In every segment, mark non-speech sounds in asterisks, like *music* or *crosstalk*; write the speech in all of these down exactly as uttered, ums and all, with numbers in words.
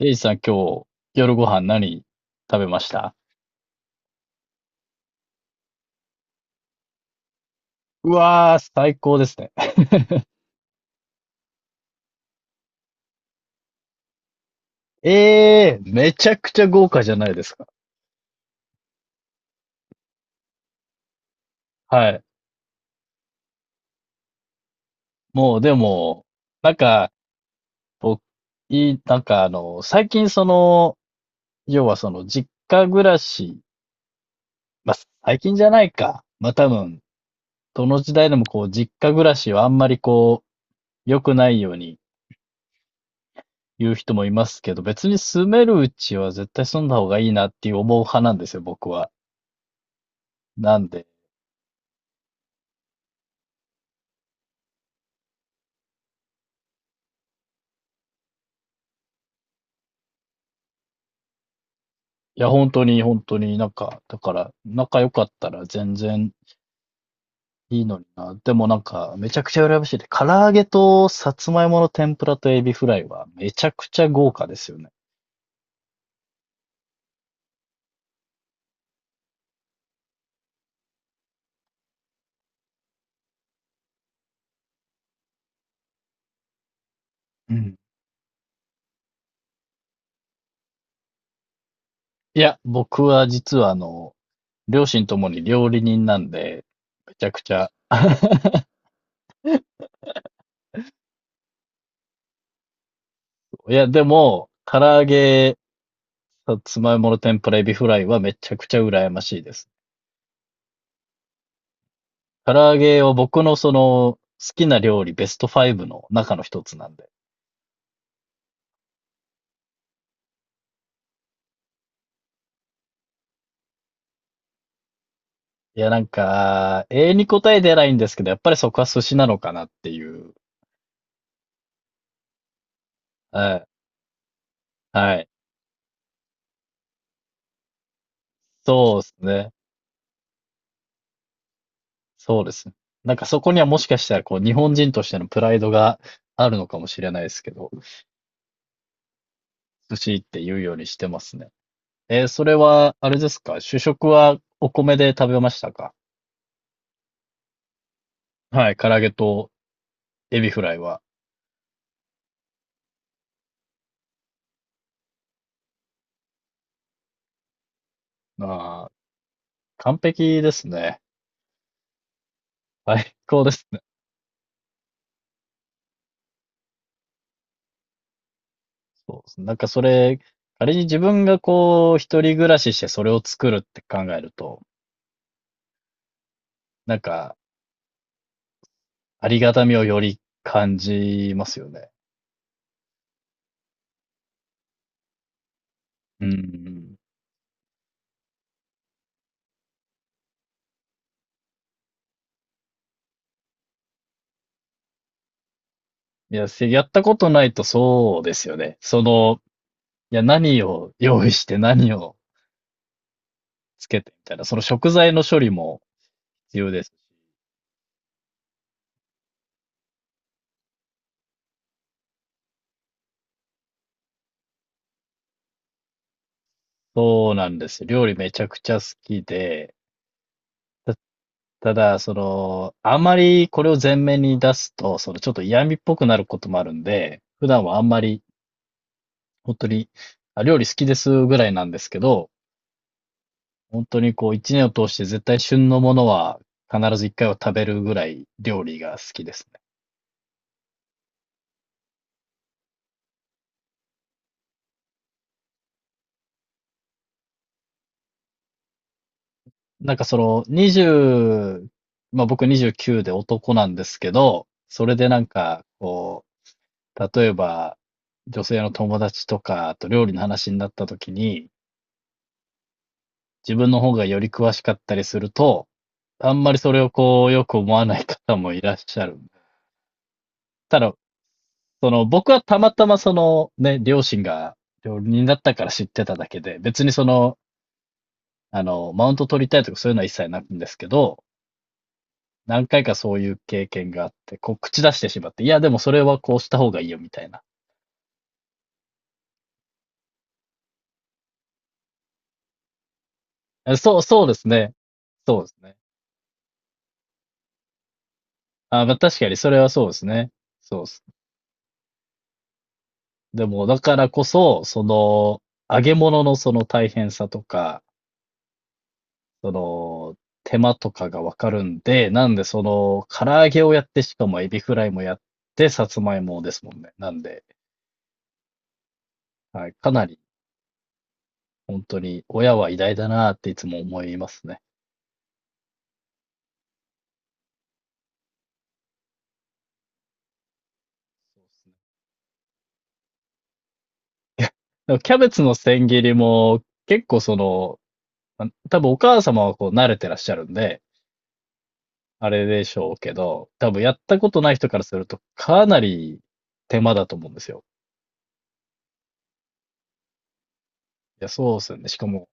エイジさん、今日、夜ご飯何食べました？うわー、最高ですね。*laughs* ええー、めちゃくちゃ豪華じゃないですか。はい。もう、でも、なんか、僕、いい、なんかあの、最近その、要はその、実家暮らし、まあ、最近じゃないか。まあ、多分、どの時代でもこう、実家暮らしはあんまりこう、良くないように言う人もいますけど、別に住めるうちは絶対住んだ方がいいなっていう思う派なんですよ、僕は。なんで、いや、本当に、本当になんか、だから、仲良かったら全然いいのにな。でもなんか、めちゃくちゃ羨ましいで、唐揚げとさつまいもの天ぷらとエビフライはめちゃくちゃ豪華ですよね。うん。いや、僕は実はあの、両親ともに料理人なんで、めちゃくちゃ。*laughs* いや、でも、唐揚げ、さつまいもの天ぷらエビフライはめちゃくちゃ羨ましいです。唐揚げは僕のその、好きな料理ベストベストファイブの中の一つなんで。いや、なんか、永遠に答え出ないんですけど、やっぱりそこは寿司なのかなっていう。はい。はい。そうですね。そうですね。なんかそこにはもしかしたら、こう、日本人としてのプライドがあるのかもしれないですけど、寿司って言うようにしてますね。えーそれは、あれですか？主食はお米で食べましたか？はい。唐揚げとエビフライは。ああ、完璧ですね。最高です。そうですね。なんかそれ、仮に自分がこう、一人暮らししてそれを作るって考えると、なんか、ありがたみをより感じますよね。うん。いや、せやったことないとそうですよね。その、いや、何を用意して何をつけてみたいな、その食材の処理も必要ですし。そうなんですよ。料理めちゃくちゃ好きで、た、ただ、その、あまりこれを前面に出すと、そのちょっと嫌味っぽくなることもあるんで、普段はあんまり本当に、あ、料理好きですぐらいなんですけど、本当にこういちねんを通して絶対旬のものは必ずいっかいは食べるぐらい料理が好きですね。なんかそのにじゅう、にじゅうま、僕にじゅうきゅうで男なんですけど、それでなんか、こう、例えば、女性の友達とかと料理の話になった時に、自分の方がより詳しかったりすると、あんまりそれをこうよく思わない方もいらっしゃる。ただその、僕はたまたまその、ね、両親が料理人だったから知ってただけで、別にその、あの、マウント取りたいとかそういうのは一切ないんですけど、何回かそういう経験があって、こう、口出してしまって、いや、でもそれはこうした方がいいよ、みたいな。あそう、そうですね。そうですね。あ、まあ、確かにそれはそうですね。そうです。でも、だからこそ、その、揚げ物のその大変さとか、その、手間とかがわかるんで、なんでその、唐揚げをやって、しかもエビフライもやって、さつまいもですもんね。なんで、はい、かなり、本当に、親は偉大だなっていつも思いますね。そうですね。でもキャベツの千切りも、結構その、あ多分お母様はこう慣れてらっしゃるんで、あれでしょうけど、多分やったことない人からすると、かなり手間だと思うんですよ。いや、そうですよね。しかも、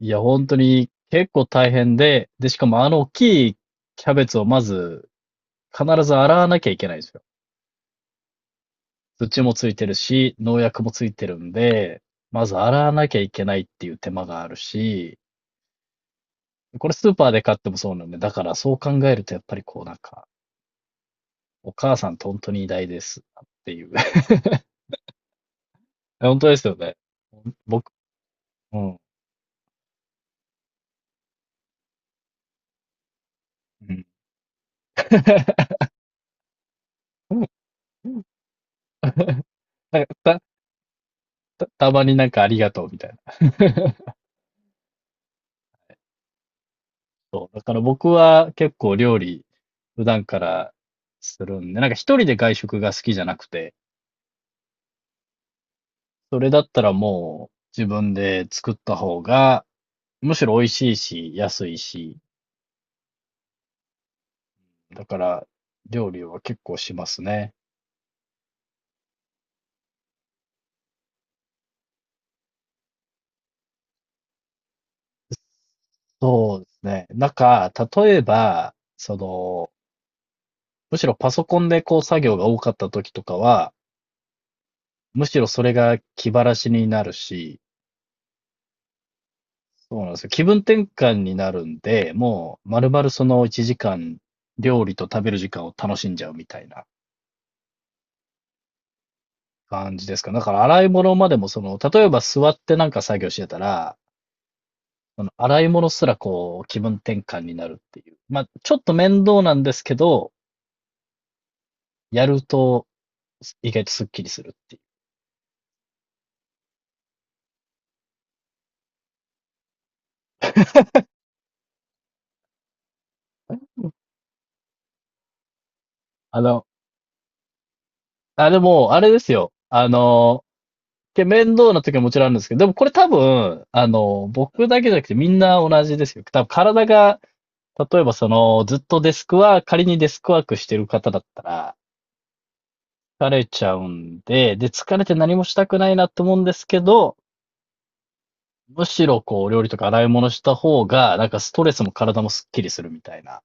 いや、本当に結構大変で、で、しかもあの大きいキャベツをまず必ず洗わなきゃいけないんですよ。土もついてるし、農薬もついてるんで、まず洗わなきゃいけないっていう手間があるし、これスーパーで買ってもそうなんで、だからそう考えるとやっぱりこうなんか、お母さんって本当に偉大ですっていう。*laughs* 本当ですよね。僕、うん。うん *laughs* なんか *laughs* た、た、たまになんかありがとうみたいな。そう。だから僕は結構料理普段からするんで、なんか一人で外食が好きじゃなくて、それだったらもう自分で作った方が、むしろ美味しいし、安いし、だから料理は結構しますね。そうですね。なんか、例えば、その、むしろパソコンでこう作業が多かった時とかは、むしろそれが気晴らしになるし、そうなんですよ。気分転換になるんで、もう、まるまるそのいちじかん、料理と食べる時間を楽しんじゃうみたいな感じですか。だから、洗い物までも、その、例えば座ってなんか作業してたら、その洗い物すらこう、気分転換になるっていう。まあ、ちょっと面倒なんですけど、やると、意外とスッキリするっていう。あの、あ、でも、あれですよ。あの、け面倒な時はもちろんあるんですけど、でもこれ多分、あの、僕だけじゃなくてみんな同じですよ。多分体が、例えばその、ずっとデスクワーク、仮にデスクワークしてる方だったら、疲れちゃうんで、で、疲れて何もしたくないなと思うんですけど、むしろこう、料理とか洗い物した方が、なんかストレスも体もスッキリするみたいな。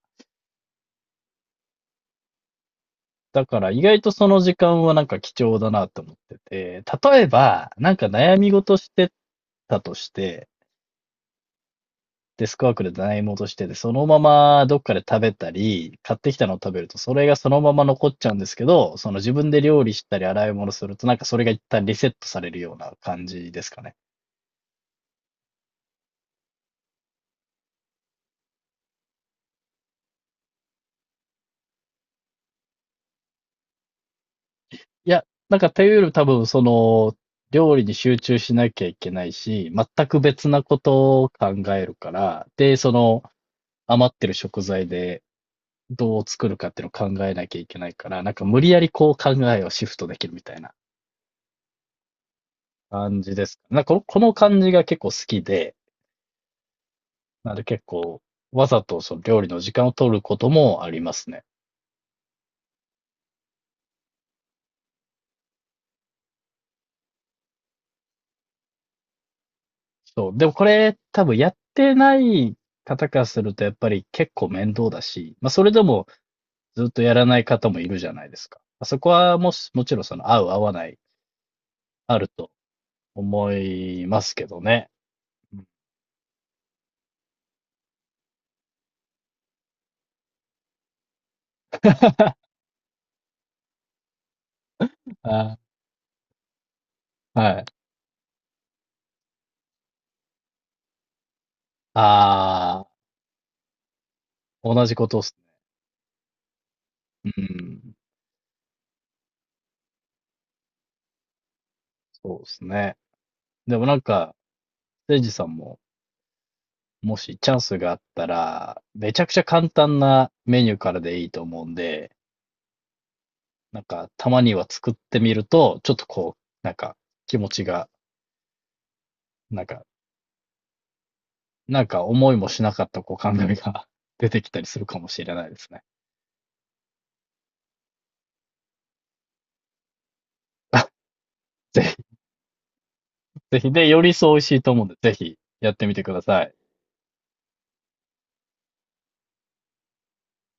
だから意外とその時間はなんか貴重だなと思ってて、例えば、なんか悩み事してたとして、デスクワークで洗い戻してて、そのままどっかで食べたり、買ってきたのを食べると、それがそのまま残っちゃうんですけど、その自分で料理したり洗い物すると、なんかそれが一旦リセットされるような感じですかね。いや、なんかというより多分その、料理に集中しなきゃいけないし、全く別なことを考えるから、で、その余ってる食材でどう作るかっていうのを考えなきゃいけないから、なんか無理やりこう考えをシフトできるみたいな感じです。なんかこのこの感じが結構好きで、なので結構、わざとその料理の時間を取ることもありますね。そう。でもこれ多分やってない方からするとやっぱり結構面倒だし、まあそれでもずっとやらない方もいるじゃないですか。まあそこはもし、もちろんその合う合わないあると思いますけどね。あ、*laughs* はい。ああ、同じことっすね。うん。そうですね。でもなんか、せいじさんももしチャンスがあったら、めちゃくちゃ簡単なメニューからでいいと思うんで、なんか、たまには作ってみると、ちょっとこう、なんか、気持ちが、なんか、なんか思いもしなかったこう考えが *laughs* 出てきたりするかもしれないですね。*laughs* ぜひ、ぜひ。で、よりそう美味しいと思うんで、ぜひやってみてください。